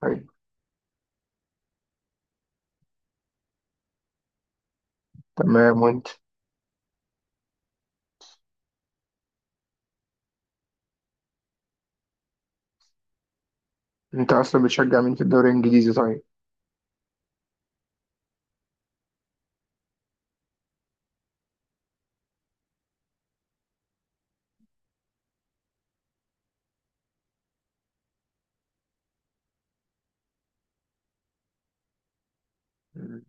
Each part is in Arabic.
طيب، تمام وانت؟ انت اصلا بتشجع مين في الدوري الانجليزي طيب؟ مم.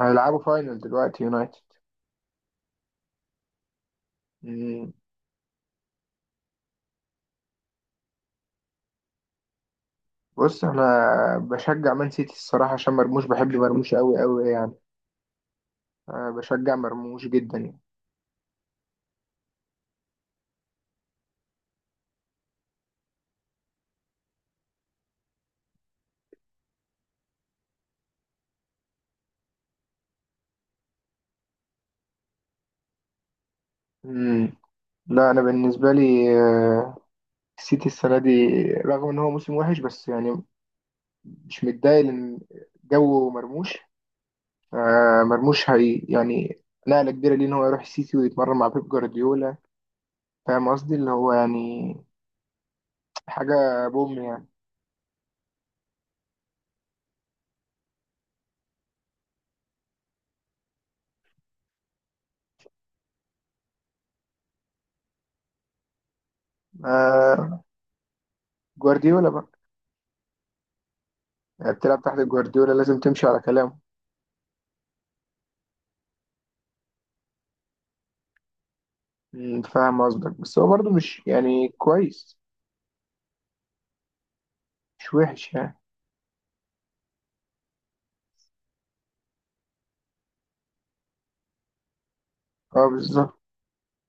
هيلعبوا فاينل دلوقتي يونايتد. مم. بص انا بشجع مان سيتي الصراحه عشان مرموش، بحب مرموش قوي قوي يعني. أه بشجع مرموش جدا يعني. مم. لا انا بالنسبه لي آه، السيتي السنه دي رغم ان هو موسم وحش بس يعني مش متضايق لان جو مرموش. مرموش هي يعني نقله كبيره ليه ان هو يروح السيتي ويتمرن مع بيب جوارديولا. فاهم قصدي اللي هو يعني حاجة بوم يعني. آه، جوارديولا بقى. يعني بتلعب تحت جوارديولا لازم تمشي على كلامه. فاهم قصدك، بس هو برضه مش يعني كويس، مش وحش يعني. اه، بالظبط.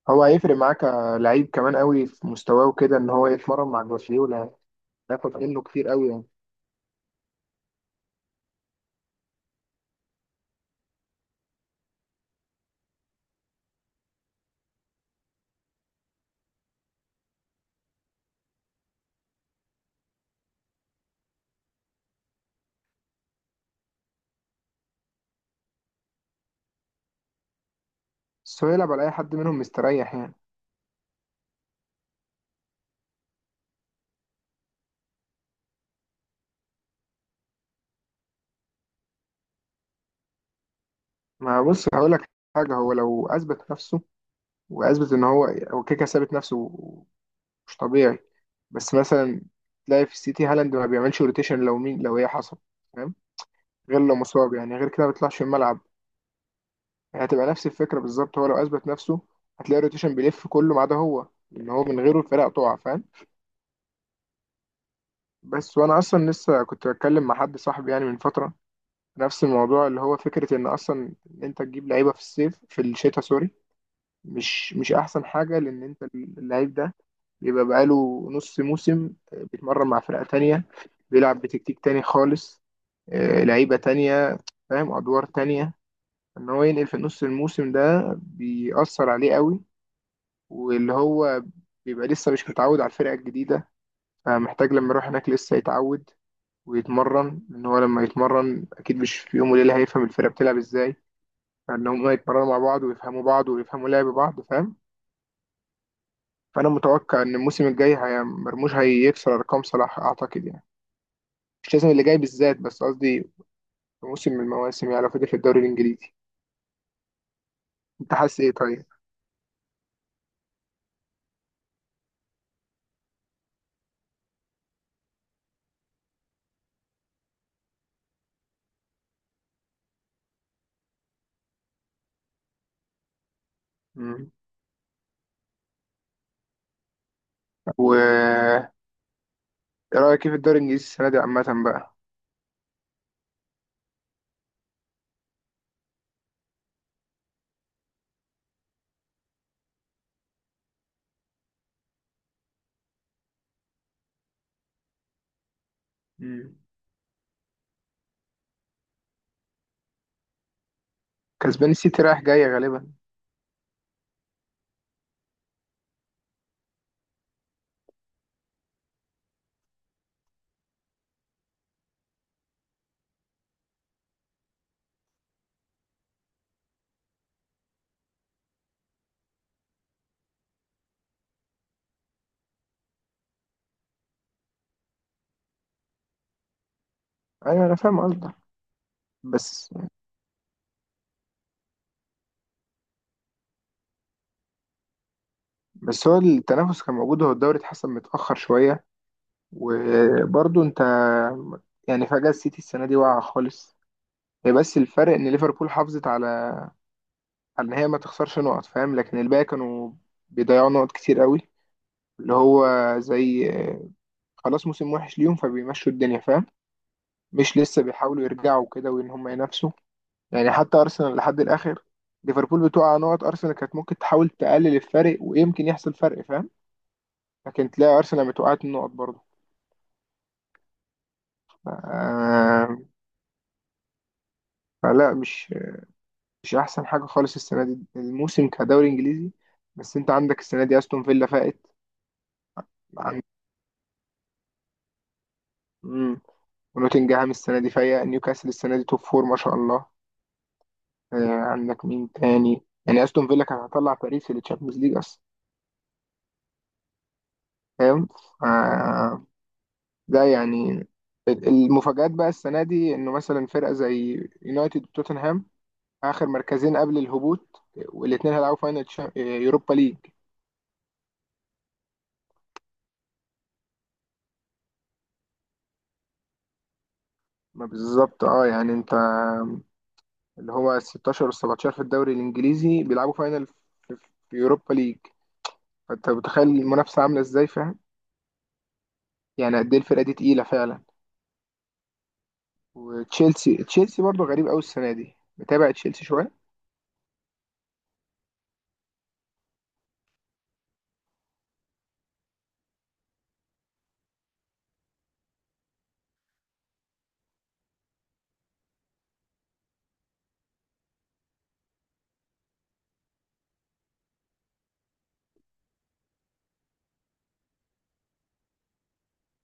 هو هيفرق معاه كلعيب كمان قوي في مستواه وكده ان هو يتمرن مع جوارديولا يعني هياخد منه كتير قوي يعني. بس هو يلعب على اي حد منهم مستريح يعني. ما بص هقول لك حاجة، هو لو اثبت نفسه واثبت ان هو كيكا ثابت نفسه مش طبيعي. بس مثلا تلاقي في السيتي هالاند ما بيعملش روتيشن لو مين لو هي حصل، فاهم؟ غير لو مصاب يعني، غير كده ما بيطلعش الملعب. يعني هتبقى نفس الفكره بالظبط، هو لو اثبت نفسه هتلاقي روتيشن بيلف كله ما عدا هو، ان هو من غيره الفرق تقع، فاهم؟ بس وانا اصلا لسه كنت بتكلم مع حد صاحبي يعني من فتره نفس الموضوع، اللي هو فكره ان اصلا إن انت تجيب لعيبه في الصيف في الشتاء سوري، مش احسن حاجه لان انت اللعيب ده بيبقى بقاله نص موسم بيتمرن مع فرقه تانية، بيلعب بتكتيك تاني خالص، لعيبه تانية، فاهم، ادوار تانية. ان هو ينقل في نص الموسم ده بيأثر عليه قوي، واللي هو بيبقى لسه مش متعود على الفرقه الجديده، فمحتاج لما يروح هناك لسه يتعود ويتمرن، ان هو لما يتمرن اكيد مش في يوم وليله هيفهم الفرقه بتلعب ازاي، فان هم يتمرنوا مع بعض ويفهموا بعض ويفهموا لعب بعض، فاهم؟ فانا متوقع ان الموسم الجاي هي مرموش هيكسر ارقام صلاح اعتقد يعني، مش لازم اللي جاي بالذات بس قصدي في موسم من المواسم يعني لو فضل في الدوري الانجليزي. انت حاسس ايه طيب؟ مم. و ايه رايك إيه في الدوري الانجليزي السنه دي عامه بقى؟ مم. كسبان السيتي رايح جاي غالبا. ايوه انا فاهم قصدك، بس بس هو التنافس كان موجود، هو الدوري اتحسن متاخر شويه وبرضه انت يعني فجاه السيتي السنه دي واقعه خالص، هي بس الفرق ان ليفربول حافظت على ان هي ما تخسرش نقط، فاهم؟ لكن الباقي كانوا بيضيعوا نقط كتير قوي، اللي هو زي خلاص موسم وحش ليهم فبيمشوا الدنيا، فاهم؟ مش لسه بيحاولوا يرجعوا كده وان هم ينافسوا، يعني حتى ارسنال لحد الاخر ليفربول بتوقع نقط ارسنال كانت ممكن تحاول تقلل الفرق ويمكن يحصل فرق، فاهم؟ لكن تلاقي ارسنال متوقعت النقط برضه آه، فلا، مش احسن حاجه خالص السنه دي الموسم كدوري انجليزي. بس انت عندك السنه دي استون فيلا فائت ونوتنجهام السنة دي فايق، نيوكاسل السنة دي توب فور، ما شاء الله. آه، عندك مين تاني يعني، استون فيلا كان هيطلع باريس في التشامبيونز ليج اصلا، فاهم؟ آه، ده يعني المفاجآت بقى السنة دي انه مثلا فرقة زي يونايتد وتوتنهام اخر مركزين قبل الهبوط، والاتنين هيلعبوا فاينل يوروبا ليج. ما بالظبط، اه يعني انت اللي هو ال 16 وال 17 في الدوري الانجليزي بيلعبوا فاينل في يوروبا ليج، فانت متخيل المنافسة عاملة ازاي، يعني قد ايه الفرقه دي تقيله فعلا. وتشيلسي، تشيلسي برضه غريب قوي السنه دي، متابع تشيلسي شويه؟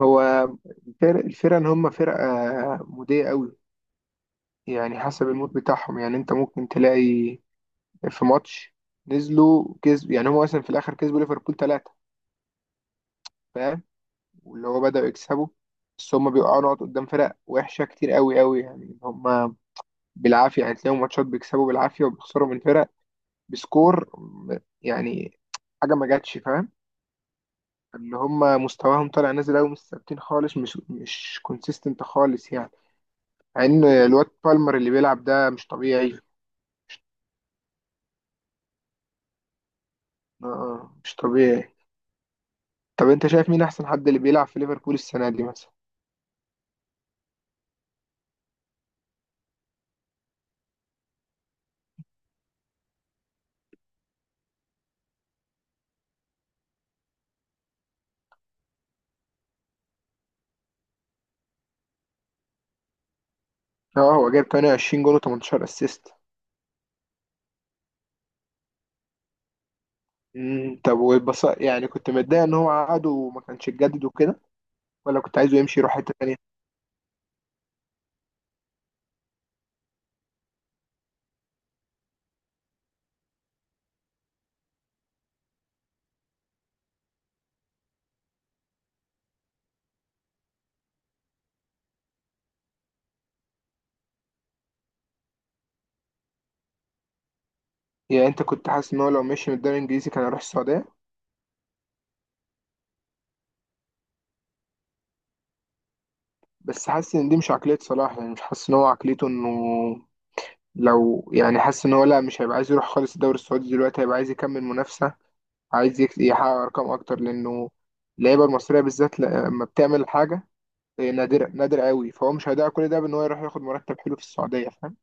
هو الفرقه ان هم فرقه موديه قوي، يعني حسب المود بتاعهم، يعني انت ممكن تلاقي في ماتش نزلوا كسب، يعني هم مثلا في الاخر كسبوا ليفربول ثلاثه، فاهم؟ واللي هو بداوا يكسبوا، بس هم بيقعوا نقط قدام فرق وحشه كتير قوي قوي يعني، هم بالعافيه يعني، تلاقيهم ماتشات بيكسبوا بالعافيه وبيخسروا من فرق بسكور يعني حاجه ما جاتش، فاهم؟ اللي هم مستواهم طالع نازل قوي، مش ثابتين خالص، مش كونسيستنت خالص يعني، مع ان الواد بالمر اللي بيلعب ده مش طبيعي. آه آه، مش طبيعي. طب انت شايف مين احسن حد اللي بيلعب في ليفربول السنه دي مثلا؟ اه، هو جاب 28 جول و18 اسيست. طب والبص يعني كنت متضايق ان هو عقد وما كانش اتجدد وكده ولا كنت عايزه يمشي يروح حته تانيه؟ يعني انت كنت حاسس ان هو لو مشي من الدوري الانجليزي كان هيروح السعوديه؟ بس حاسس ان دي مش عقليه صلاح، يعني مش حاسس ان هو عقليته انه لو يعني، حاسس ان هو لا مش هيبقى عايز يروح خالص الدوري السعودي دلوقتي، هيبقى عايز يكمل منافسة، عايز يحقق ارقام اكتر، لانه اللعيبة المصرية بالذات لما بتعمل حاجة هي نادرة، نادر قوي، فهو مش هيضيع كل ده بان هو يروح ياخد مرتب حلو في السعودية، فاهم؟